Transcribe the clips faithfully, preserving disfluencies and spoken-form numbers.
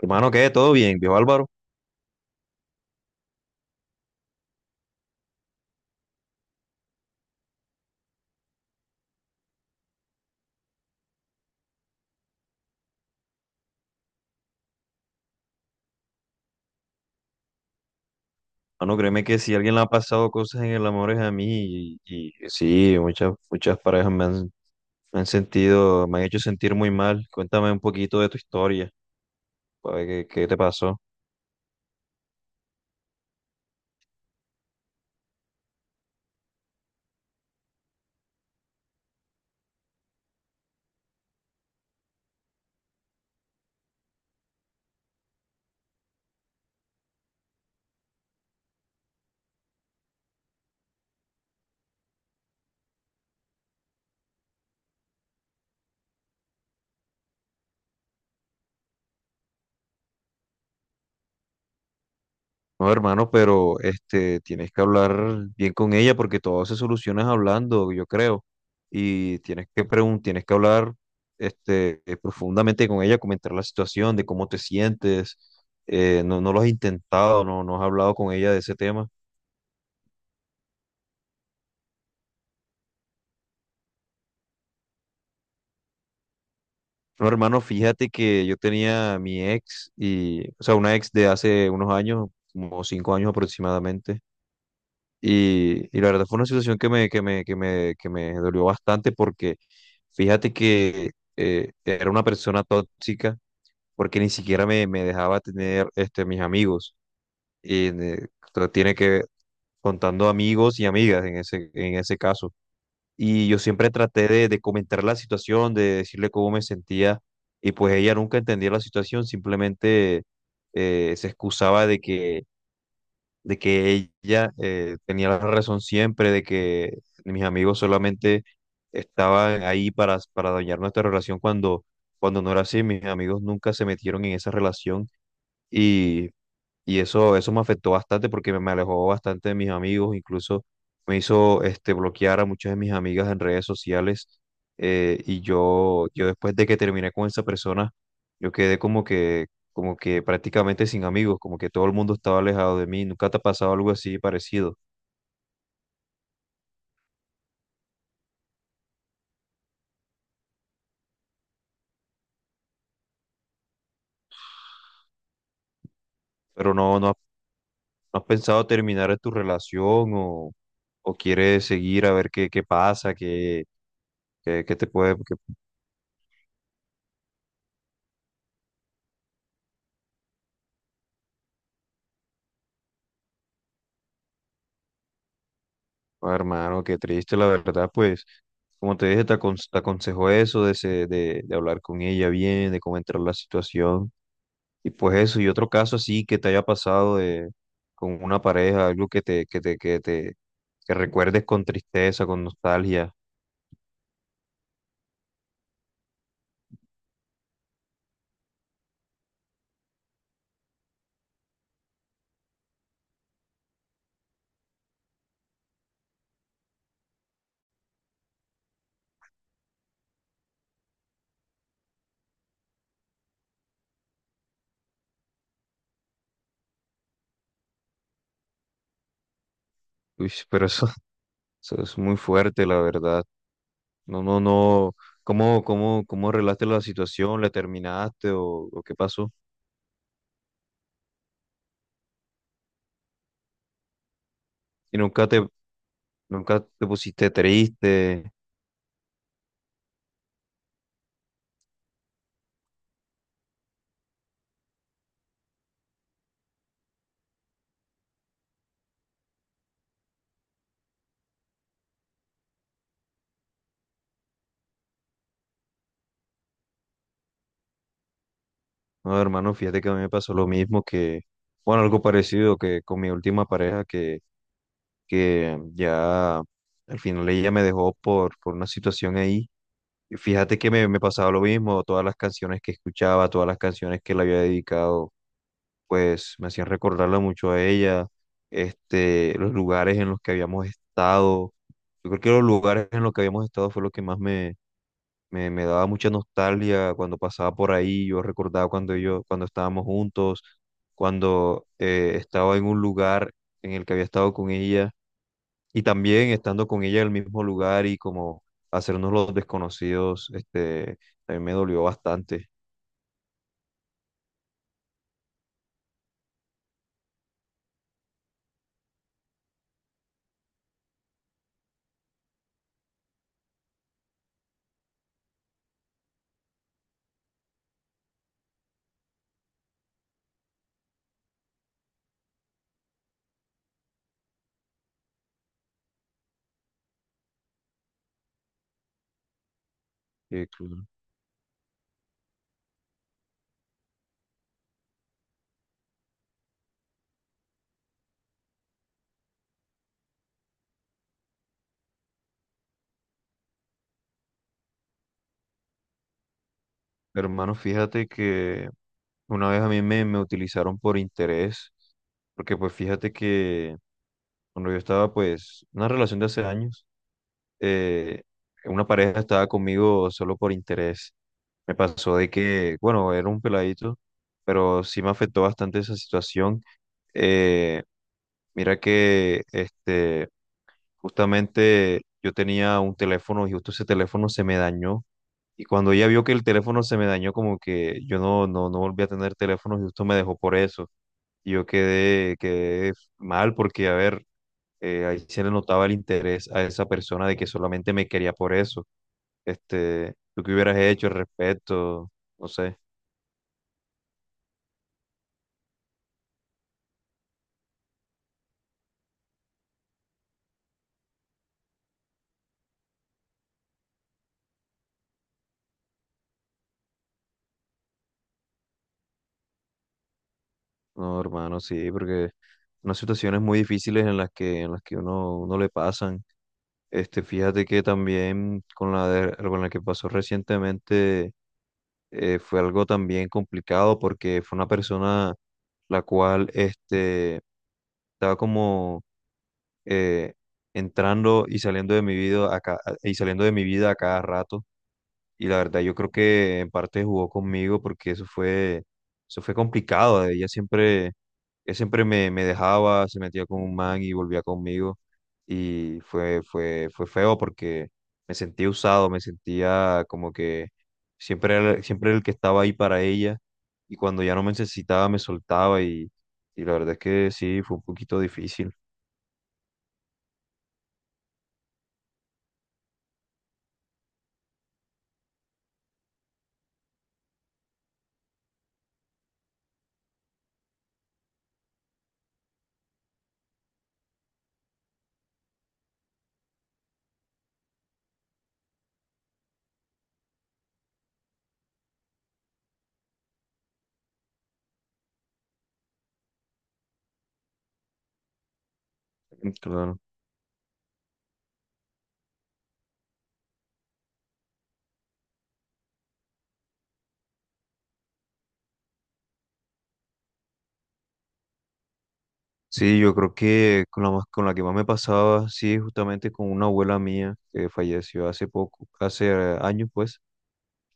Hermano, ¿qué? ¿Todo bien, viejo Álvaro? Hermano, créeme que si alguien le ha pasado cosas en el amor es a mí y, y sí, muchas, muchas parejas me han, me han sentido, me han hecho sentir muy mal. Cuéntame un poquito de tu historia, para ver qué, qué te pasó. No, hermano, pero este, tienes que hablar bien con ella porque todo se soluciona es hablando, yo creo. Y tienes que pregun- tienes que hablar este, eh, profundamente con ella, comentar la situación, de cómo te sientes. Eh, no, no lo has intentado, no, no has hablado con ella de ese tema. No, hermano, fíjate que yo tenía a mi ex y, o sea, una ex de hace unos años, como cinco años aproximadamente. Y, y la verdad fue una situación que me, que me, que me, que me dolió bastante porque fíjate que eh, era una persona tóxica porque ni siquiera me, me dejaba tener este, mis amigos. Y eh, tiene que contando amigos y amigas en ese, en ese caso. Y yo siempre traté de, de comentar la situación, de decirle cómo me sentía, y pues ella nunca entendía la situación, simplemente eh, se excusaba de que, de que ella eh, tenía la razón siempre, de que mis amigos solamente estaban ahí para, para dañar nuestra relación cuando, cuando no era así, mis amigos nunca se metieron en esa relación y y eso, eso me afectó bastante porque me me alejó bastante de mis amigos, incluso me hizo este, bloquear a muchas de mis amigas en redes sociales. Eh, y yo, yo después de que terminé con esa persona, yo quedé como que, como que prácticamente sin amigos, como que todo el mundo estaba alejado de mí. ¿Nunca te ha pasado algo así parecido? Pero no, no, has- no has pensado terminar tu relación o, o quieres seguir a ver qué, qué pasa, qué, qué, qué te puede. Oh, hermano, qué triste, la verdad, pues, como te dije, te, acon- te aconsejo eso de, se- de, de hablar con ella bien, de comentar la situación, y pues eso, y otro caso así que te haya pasado de, con una pareja, algo que te, que te, que te, que recuerdes con tristeza, con nostalgia. Uy, pero eso, eso es muy fuerte, la verdad, no, no, no, ¿cómo, cómo, cómo arreglaste la situación? ¿Le terminaste o, o qué pasó? Y nunca te, nunca te pusiste triste. No, hermano, fíjate que a mí me pasó lo mismo que, bueno, algo parecido que con mi última pareja que, que ya al final ella me dejó por, por una situación ahí. Y fíjate que me, me pasaba lo mismo, todas las canciones que escuchaba, todas las canciones que le había dedicado, pues me hacían recordarla mucho a ella, este, los lugares en los que habíamos estado. Yo creo que los lugares en los que habíamos estado fue lo que más me, me, me daba mucha nostalgia cuando pasaba por ahí. Yo recordaba cuando yo, cuando estábamos juntos, cuando eh, estaba en un lugar en el que había estado con ella y también estando con ella en el mismo lugar y como hacernos los desconocidos, este, también me dolió bastante. Eh, claro. Hermano, fíjate que una vez a mí me, me utilizaron por interés, porque pues fíjate que cuando yo estaba, pues, en una relación de hace años, eh, una pareja estaba conmigo solo por interés. Me pasó de que, bueno, era un peladito, pero sí me afectó bastante esa situación. Eh, Mira que, este, justamente yo tenía un teléfono y justo ese teléfono se me dañó. Y cuando ella vio que el teléfono se me dañó, como que yo no, no, no volví a tener teléfono y justo me dejó por eso. Y yo quedé, quedé mal porque, a ver, eh, ahí se le notaba el interés a esa persona de que solamente me quería por eso. Este, ¿tú qué hubieras hecho al respecto? No sé, no, hermano, sí, porque unas situaciones muy difíciles en las que, en las que uno, uno le pasan. Este, fíjate que también con la, de- con la que pasó recientemente eh, fue algo también complicado porque fue una persona la cual este, estaba como eh, entrando y saliendo de mi vida a ca- y saliendo de mi vida a cada rato. Y la verdad, yo creo que en parte jugó conmigo porque eso fue, eso fue complicado. Ella siempre, ella siempre me, me dejaba, se metía con un man y volvía conmigo. Y fue, fue, fue feo porque me sentía usado, me sentía como que siempre era- siempre era el que estaba ahí para ella. Y cuando ya no me necesitaba, me soltaba y, y la verdad es que sí, fue un poquito difícil. Claro. Sí, yo creo que con la, más- con la que más me pasaba, sí, justamente con una abuela mía que falleció hace poco, hace eh, años, pues.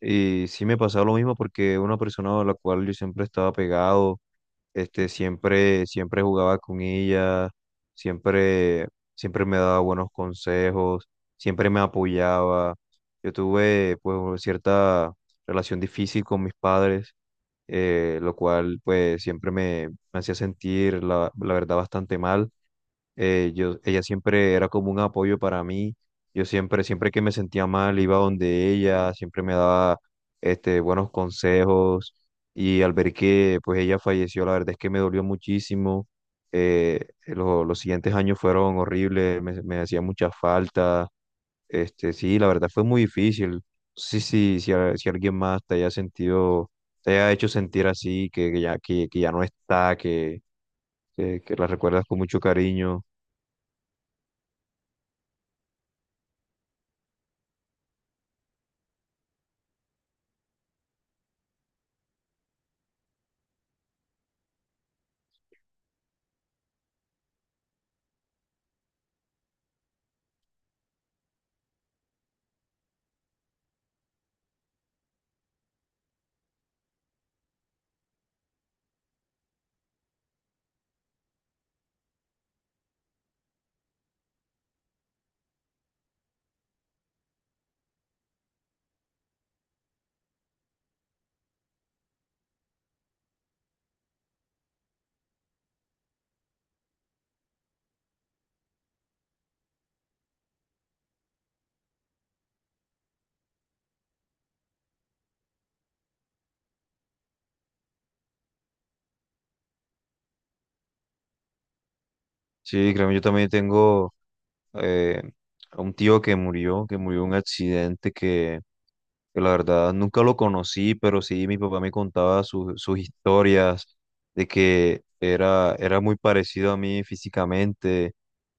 Y sí me pasaba lo mismo porque una persona a la cual yo siempre estaba pegado, este, siempre, siempre jugaba con ella, siempre, siempre me daba buenos consejos, siempre me apoyaba. Yo tuve pues una cierta relación difícil con mis padres, eh, lo cual pues siempre me, me hacía sentir la, la verdad bastante mal eh, yo, ella siempre era como un apoyo para mí. Yo siempre, siempre que me sentía mal, iba donde ella, siempre me daba este, buenos consejos. Y al ver que pues ella falleció, la verdad es que me dolió muchísimo. Eh, lo- los siguientes años fueron horribles, me, me hacía mucha falta. Este, sí, la verdad fue muy difícil. Sí, sí, si, a- si alguien más te haya sentido, te haya hecho sentir así, que, que ya, que, que ya no está, que, que, que la recuerdas con mucho cariño. Sí, créeme, yo también tengo eh, a un tío que murió, que murió en un accidente que, que la verdad nunca lo conocí, pero sí mi papá me contaba su- sus historias de que era, era muy parecido a mí físicamente,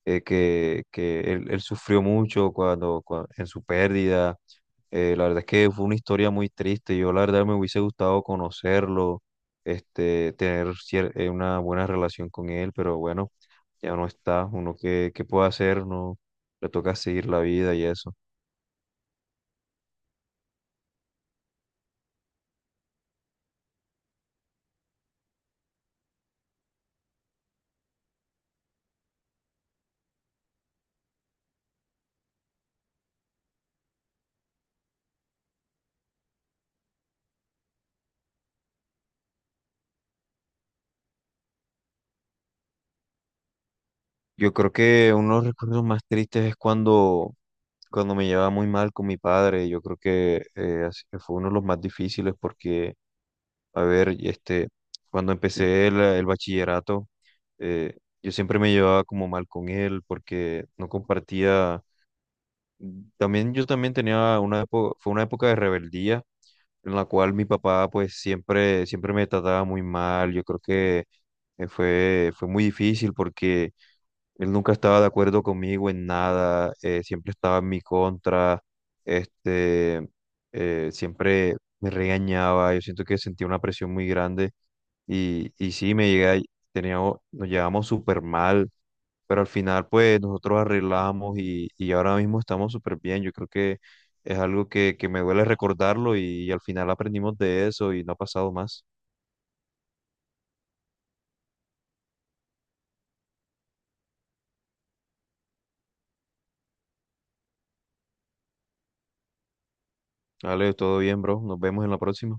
eh, que, que él, él sufrió mucho cuando, cua- en su pérdida. Eh, la verdad es que fue una historia muy triste. Yo la verdad me hubiese gustado conocerlo, este, tener cier- eh, una buena relación con él, pero bueno ya no está, uno qué, qué puede hacer, no le toca seguir la vida y eso. Yo creo que uno de los recuerdos más tristes es cuando, cuando me llevaba muy mal con mi padre, yo creo que eh, así fue uno de los más difíciles porque, a ver, y este, cuando empecé el, el bachillerato, eh, yo siempre me llevaba como mal con él porque no compartía. También yo también tenía una época, fue una época de rebeldía en la cual mi papá pues siempre, siempre me trataba muy mal. Yo creo que eh, fue, fue muy difícil porque él nunca estaba de acuerdo conmigo en nada, eh, siempre estaba en mi contra. Este, eh, siempre me regañaba, yo siento que sentía una presión muy grande y, y sí, me llegué, a- teníamos, nos llevamos súper mal, pero al final pues nosotros arreglamos y, y ahora mismo estamos súper bien, yo creo que es algo que, que me duele recordarlo y, al final aprendimos de eso y no ha pasado más. Vale, todo bien, bro, nos vemos en la próxima.